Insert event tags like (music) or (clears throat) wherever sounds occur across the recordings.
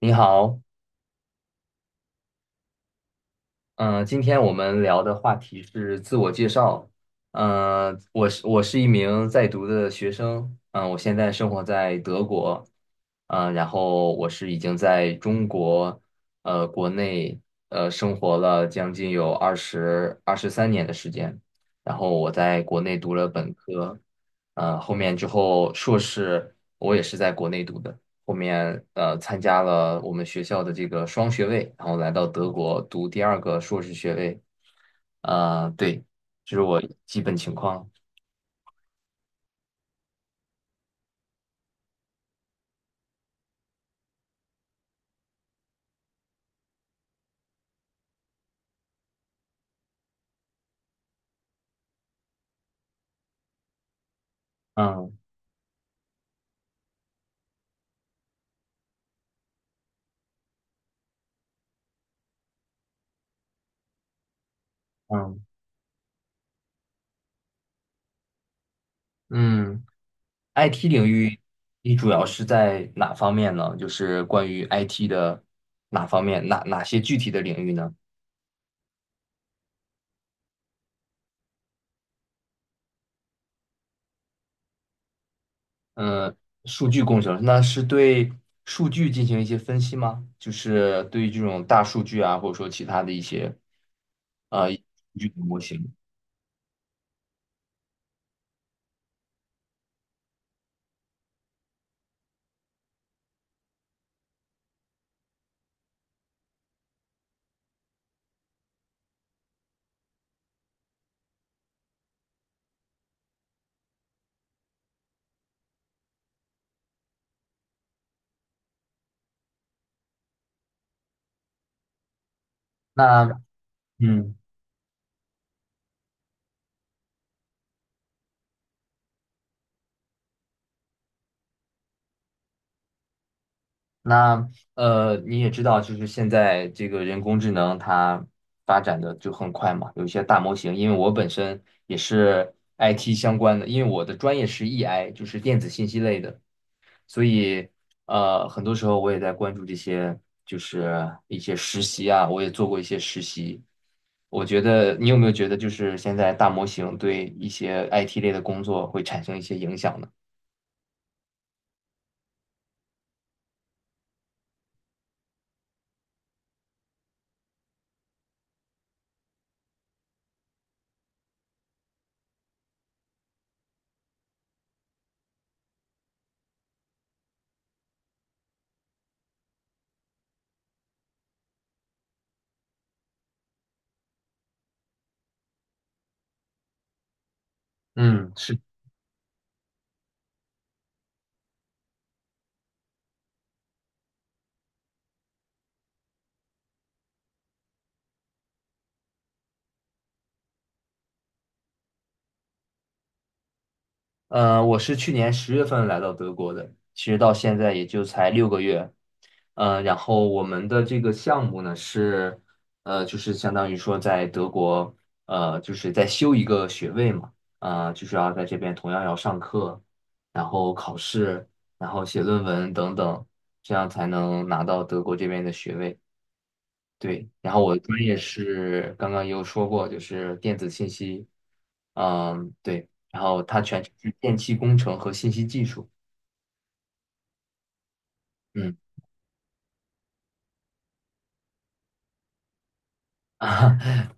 你好，嗯、今天我们聊的话题是自我介绍。我是一名在读的学生，我现在生活在德国，然后我是已经在中国，国内生活了将近有二十三年的时间，然后我在国内读了本科，之后硕士我也是在国内读的。后面参加了我们学校的这个双学位，然后来到德国读第二个硕士学位。对，这是我基本情况。嗯嗯嗯，IT 领域你主要是在哪方面呢？就是关于 IT 的哪方面，哪些具体的领域呢？嗯，数据工程，那是对数据进行一些分析吗？就是对于这种大数据啊，或者说其他的一些数据的模型。那嗯，那呃，你也知道，就是现在这个人工智能它发展的就很快嘛，有一些大模型。因为我本身也是 IT 相关的，因为我的专业是 EI,就是电子信息类的，所以很多时候我也在关注这些，就是一些实习啊，我也做过一些实习。我觉得你有没有觉得，就是现在大模型对一些 IT 类的工作会产生一些影响呢？嗯，是。我是去年10月份来到德国的，其实到现在也就才6个月。然后我们的这个项目呢是，就是相当于说在德国，就是在修一个学位嘛，就是要在这边同样要上课，然后考试，然后写论文等等，这样才能拿到德国这边的学位。对，然后我的专业是刚刚也有说过，就是电子信息，嗯，对，然后它全称是电气工程和信息技术，嗯，(laughs) 啊，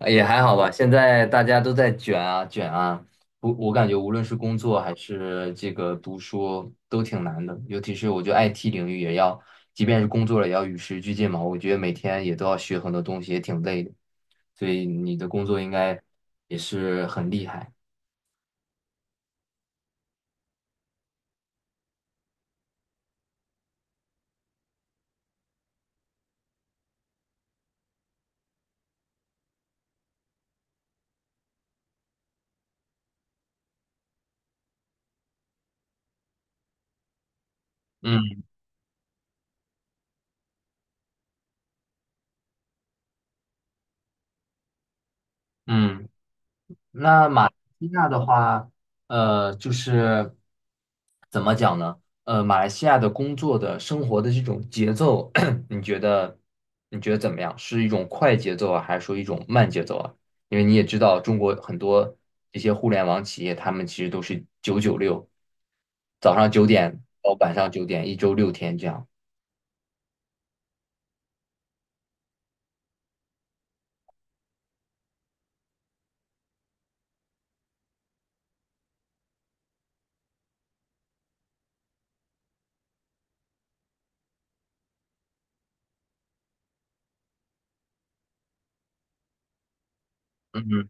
也还好吧。现在大家都在卷啊卷啊，我感觉无论是工作还是这个读书都挺难的，尤其是我觉得 IT 领域也要，即便是工作了也要与时俱进嘛，我觉得每天也都要学很多东西，也挺累的，所以你的工作应该也是很厉害，嗯嗯。那马来西亚的话，就是怎么讲呢？马来西亚的工作的生活的这种节奏，(coughs) (clears throat) 你觉得你觉得怎么样？是一种快节奏啊，还是说一种慢节奏啊？因为你也知道，中国很多这些互联网企业，他们其实都是996，早上九点到晚上九点，一周6天这样。嗯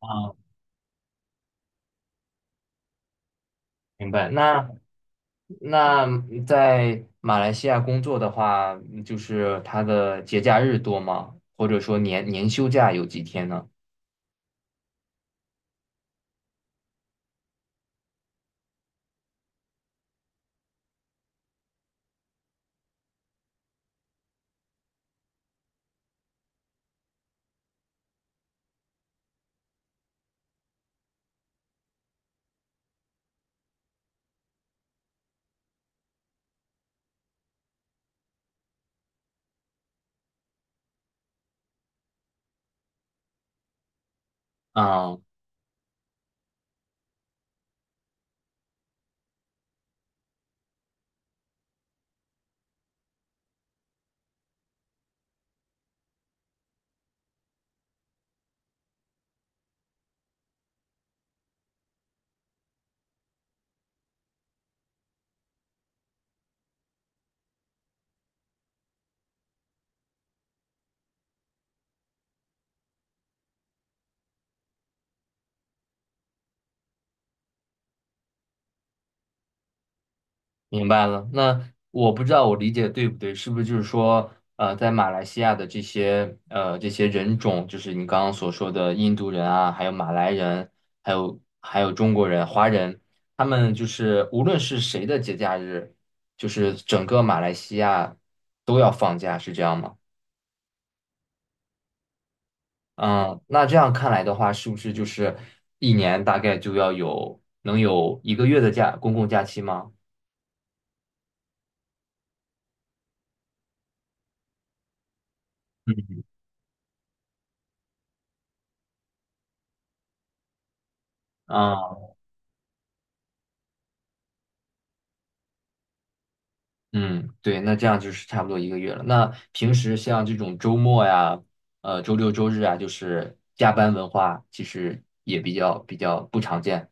嗯，明白。那在马来西亚工作的话，就是他的节假日多吗？或者说年休假有几天呢？嗯，明白了。那我不知道我理解对不对，是不是就是说，在马来西亚的这些人种，就是你刚刚所说的印度人啊，还有马来人，还有中国人、华人，他们就是无论是谁的节假日，就是整个马来西亚都要放假，是这样吗？嗯，那这样看来的话，是不是就是一年大概就要能有一个月的假，公共假期吗？啊，嗯，对，那这样就是差不多一个月了。那平时像这种周末呀，周六周日啊，就是加班文化，其实也比较不常见。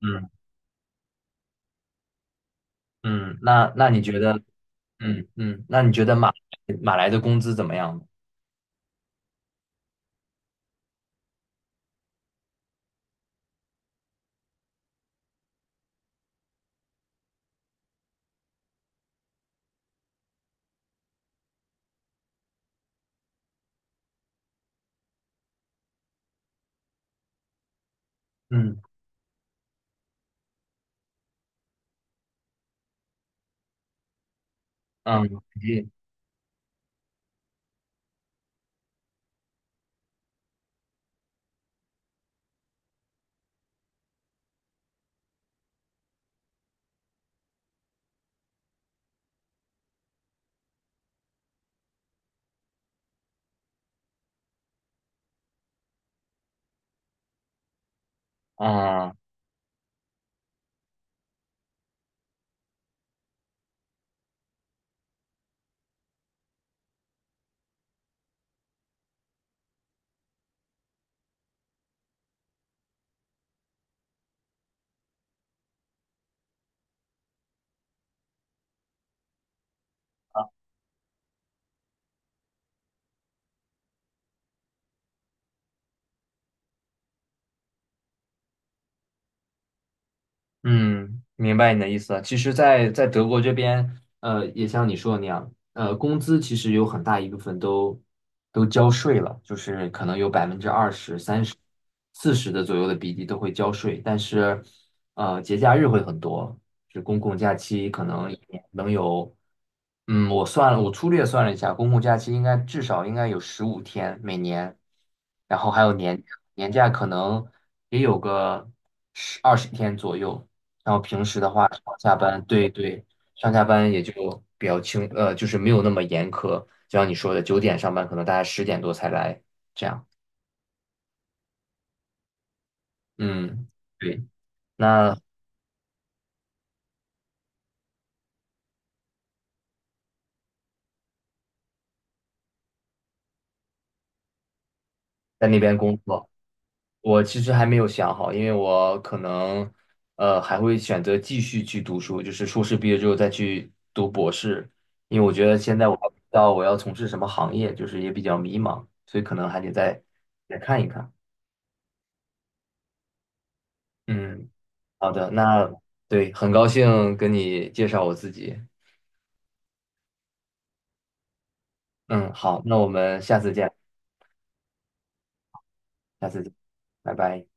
嗯嗯，那那你觉得，嗯嗯，那你觉得马来的工资怎么样呢？嗯嗯，嗯。啊嗯，明白你的意思了。其实在德国这边，也像你说的那样，工资其实有很大一部分都交税了，就是可能有20%、30、40的左右的比例都会交税，但是，节假日会很多，就是公共假期可能一年能有。嗯，我算了，我粗略算了一下，公共假期应该至少应该有15天每年，然后还有年假可能也有个二十天左右，然后平时的话上下班，对对，上下班也就比较轻，就是没有那么严苛，就像你说的，九点上班，可能大家10点多才来，这样，嗯，对，那在那边工作。我其实还没有想好，因为我可能还会选择继续去读书，就是硕士毕业之后再去读博士，因为我觉得现在我还不知道我要从事什么行业，就是也比较迷茫，所以可能还得再看一看。嗯，好的，那对，很高兴跟你介绍我自己。嗯，好，那我们下次见，下次见，拜拜。